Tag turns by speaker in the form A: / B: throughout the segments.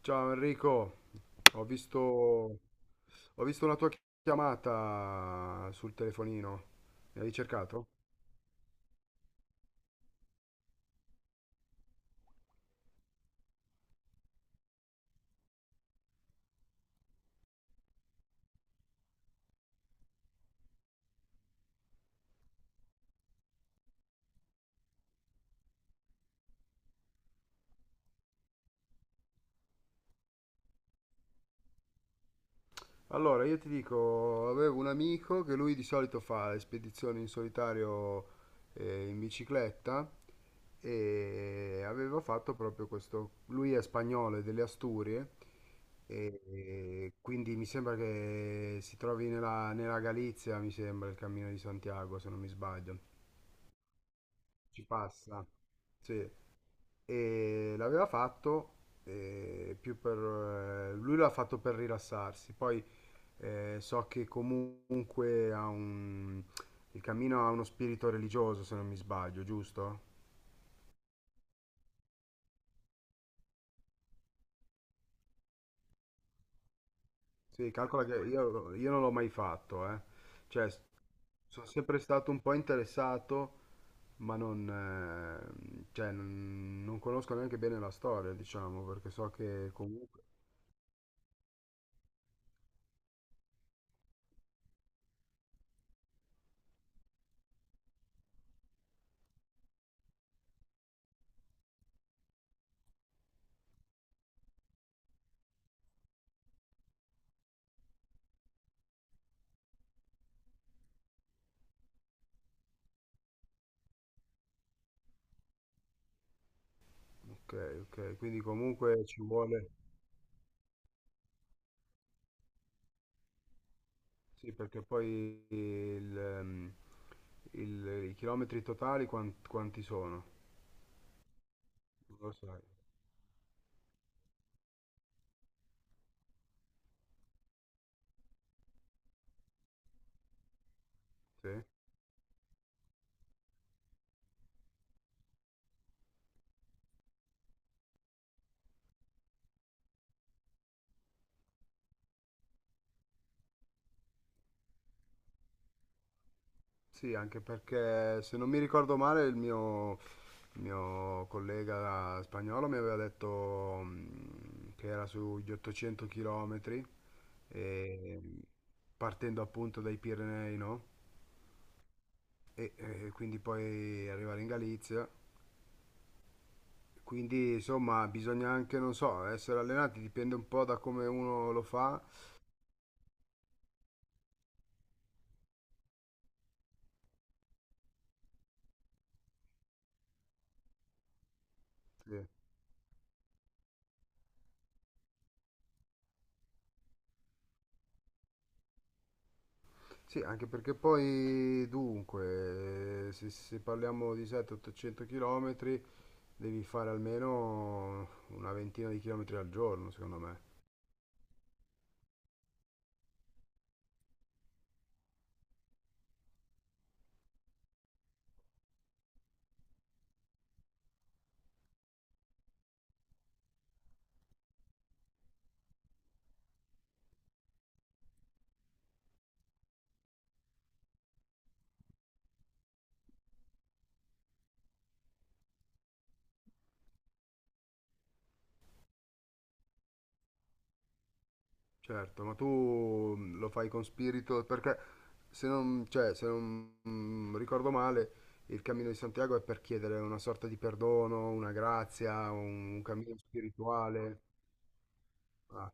A: Ciao Enrico, ho visto una tua chiamata sul telefonino, mi avevi cercato? Allora, io ti dico, avevo un amico che lui di solito fa le spedizioni in solitario, in bicicletta, e aveva fatto proprio questo. Lui è spagnolo, è delle Asturie, e quindi mi sembra che si trovi nella, nella Galizia, mi sembra, il Cammino di Santiago, se non mi sbaglio. Ci passa, sì. E l'aveva fatto più per lui l'ha fatto per rilassarsi. Poi so che comunque ha un il cammino ha uno spirito religioso, se non mi sbaglio, giusto? Sì, calcola che io non l'ho mai fatto, eh. Cioè, s- sono sempre stato un po' interessato, ma non, cioè, non, non conosco neanche bene la storia, diciamo, perché so che comunque, ok, ok, quindi comunque ci vuole. Sì, perché poi i chilometri totali quanti sono? Non lo sai. Sì? Sì, anche perché se non mi ricordo male il mio collega spagnolo mi aveva detto che era sugli 800 chilometri, e, partendo appunto dai Pirenei, no? E quindi poi arrivare in Galizia. Quindi insomma bisogna anche, non so, essere allenati, dipende un po' da come uno lo fa. Sì. Sì, anche perché poi, dunque, se parliamo di 700-800 km, devi fare almeno una ventina di chilometri al giorno, secondo me. Certo, ma tu lo fai con spirito, perché se non ricordo male, il cammino di Santiago è per chiedere una sorta di perdono, una grazia, un cammino spirituale. Ah.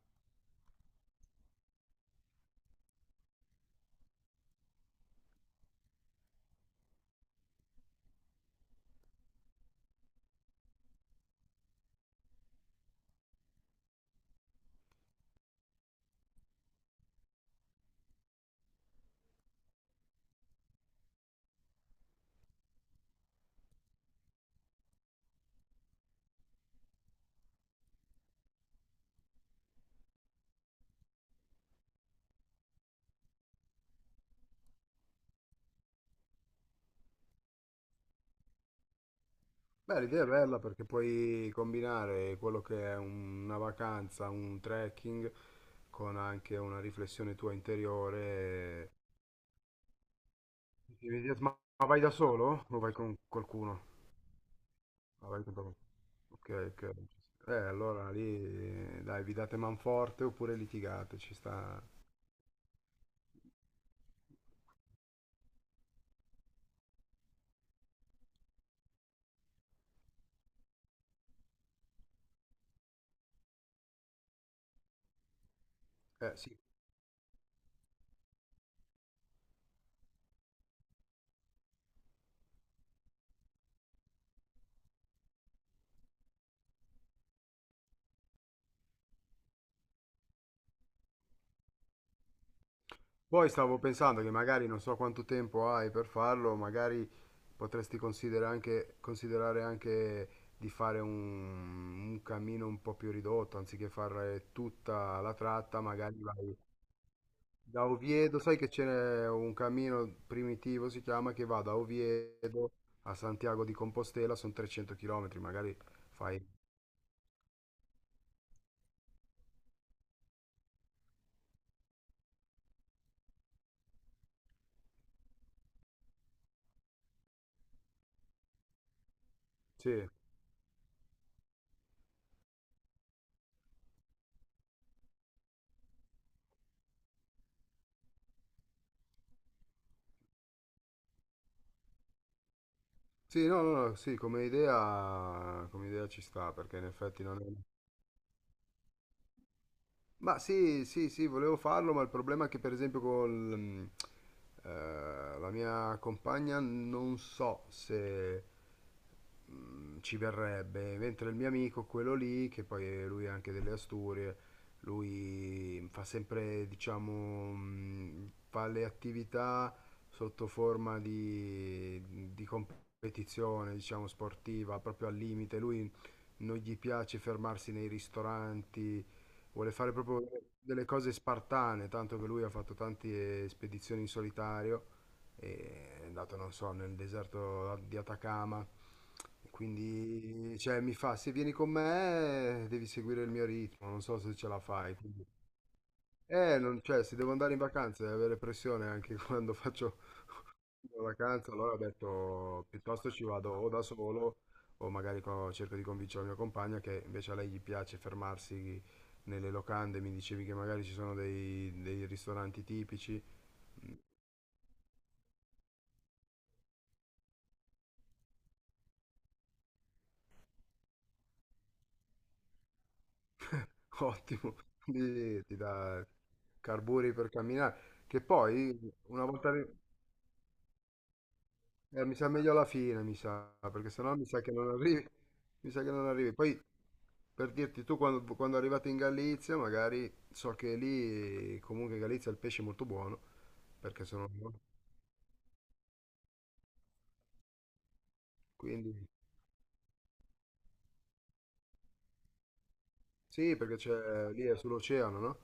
A: Beh, l'idea è bella perché puoi combinare quello che è una vacanza, un trekking, con anche una riflessione tua interiore. Ma ma vai da solo o vai con qualcuno? Ah, vai con qualcuno. Ok, ok. Allora lì, dai, vi date manforte oppure litigate, ci sta... sì. Poi stavo pensando che magari non so quanto tempo hai per farlo. Magari potresti considerare anche di fare un cammino un po' più ridotto, anziché fare tutta la tratta. Magari vai da Oviedo, sai che c'è un cammino primitivo, si chiama, che va da Oviedo a Santiago di Compostela, sono 300 km, magari fai... Sì, sì, no, no, no, sì, come idea ci sta, perché in effetti non è... Ma sì, sì, sì, volevo farlo, ma il problema è che per esempio con la mia compagna non so se ci verrebbe, mentre il mio amico, quello lì, lui è anche delle Asturie. Lui fa sempre, diciamo, fa le attività sotto forma di competizione, diciamo, sportiva, proprio al limite. Lui non gli piace fermarsi nei ristoranti. Vuole fare proprio delle cose spartane, tanto che lui ha fatto tante spedizioni in solitario, e è andato, non so, nel deserto di Atacama. Quindi, cioè, mi fa, se vieni con me, devi seguire il mio ritmo, non so se ce la fai. Quindi... non, cioè, se devo andare in vacanza e avere pressione anche quando faccio in vacanza, allora ho detto piuttosto ci vado o da solo o magari cerco di convincere la mia compagna, che invece a lei gli piace fermarsi nelle locande. Mi dicevi che magari ci sono dei ristoranti tipici, ottimo, quindi ti dà carburi per camminare, che poi una volta arri- mi sa meglio alla fine, mi sa, perché sennò mi sa che non arrivi, mi sa che non arrivi. Poi per dirti, tu quando arrivate in Galizia, magari so che lì, comunque in Galizia il pesce è molto buono, perché sono... Quindi, sì, perché c'è, lì è sull'oceano, no?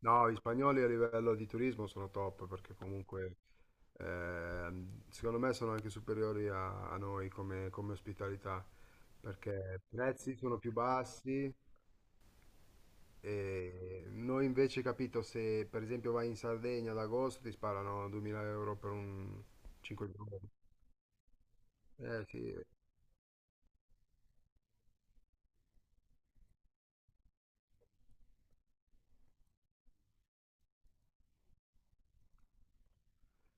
A: No, gli spagnoli a livello di turismo sono top, perché comunque secondo me sono anche superiori a noi come, come ospitalità, perché i prezzi sono più bassi e noi invece, capito, se per esempio vai in Sardegna ad agosto ti sparano 2000 euro per un 5 giorni. Eh sì.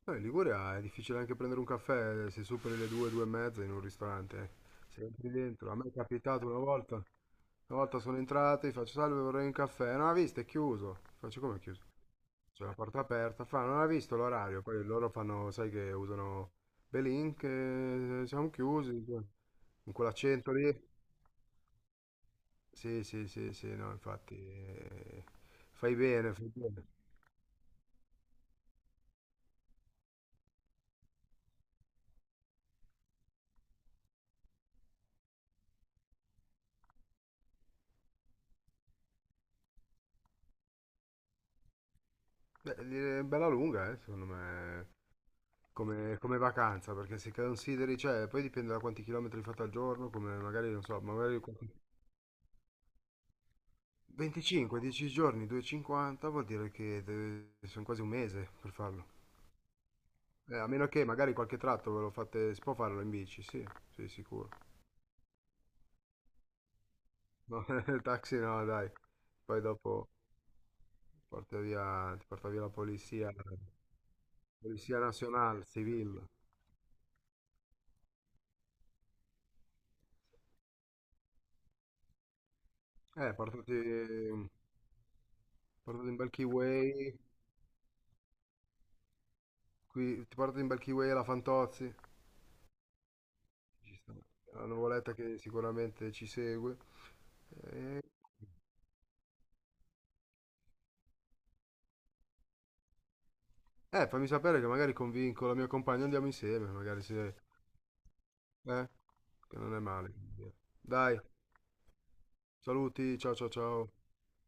A: Poi in Liguria è difficile anche prendere un caffè, se superi le due, due e mezza in un ristorante, eh. Se entri dentro, a me è capitato una volta sono entrato, gli faccio salve, vorrei un caffè. Non ha visto, è chiuso. Faccio, come è chiuso? C'è la porta aperta. Fa, non ha visto l'orario. Poi loro fanno, sai che usano Belink, siamo chiusi. Con quell'accento lì. Sì, sì, sì, sì, no, infatti. Eh, fai bene, fai bene. Beh, è bella lunga, secondo me. Come, come vacanza, perché se consideri, cioè, poi dipende da quanti chilometri fate al giorno, come magari, non so, magari qualche... 25, 10 giorni, 2,50 vuol dire che deve... sono quasi un mese per farlo. A meno che magari qualche tratto ve lo fate, si può farlo in bici, sì, sì, sicuro. No, il taxi no, dai. Poi dopo porta via, ti porta via la polizia, polizia nazionale, civile. Portati, portati un bel kiwi, qui, ti portati un bel kiwi alla Fantozzi. Ci sta. È una nuvoletta che sicuramente ci segue. Eh, fammi sapere che magari convinco la mia compagna, andiamo insieme, magari se... Eh, che non è male. Dai, saluti, ciao ciao ciao.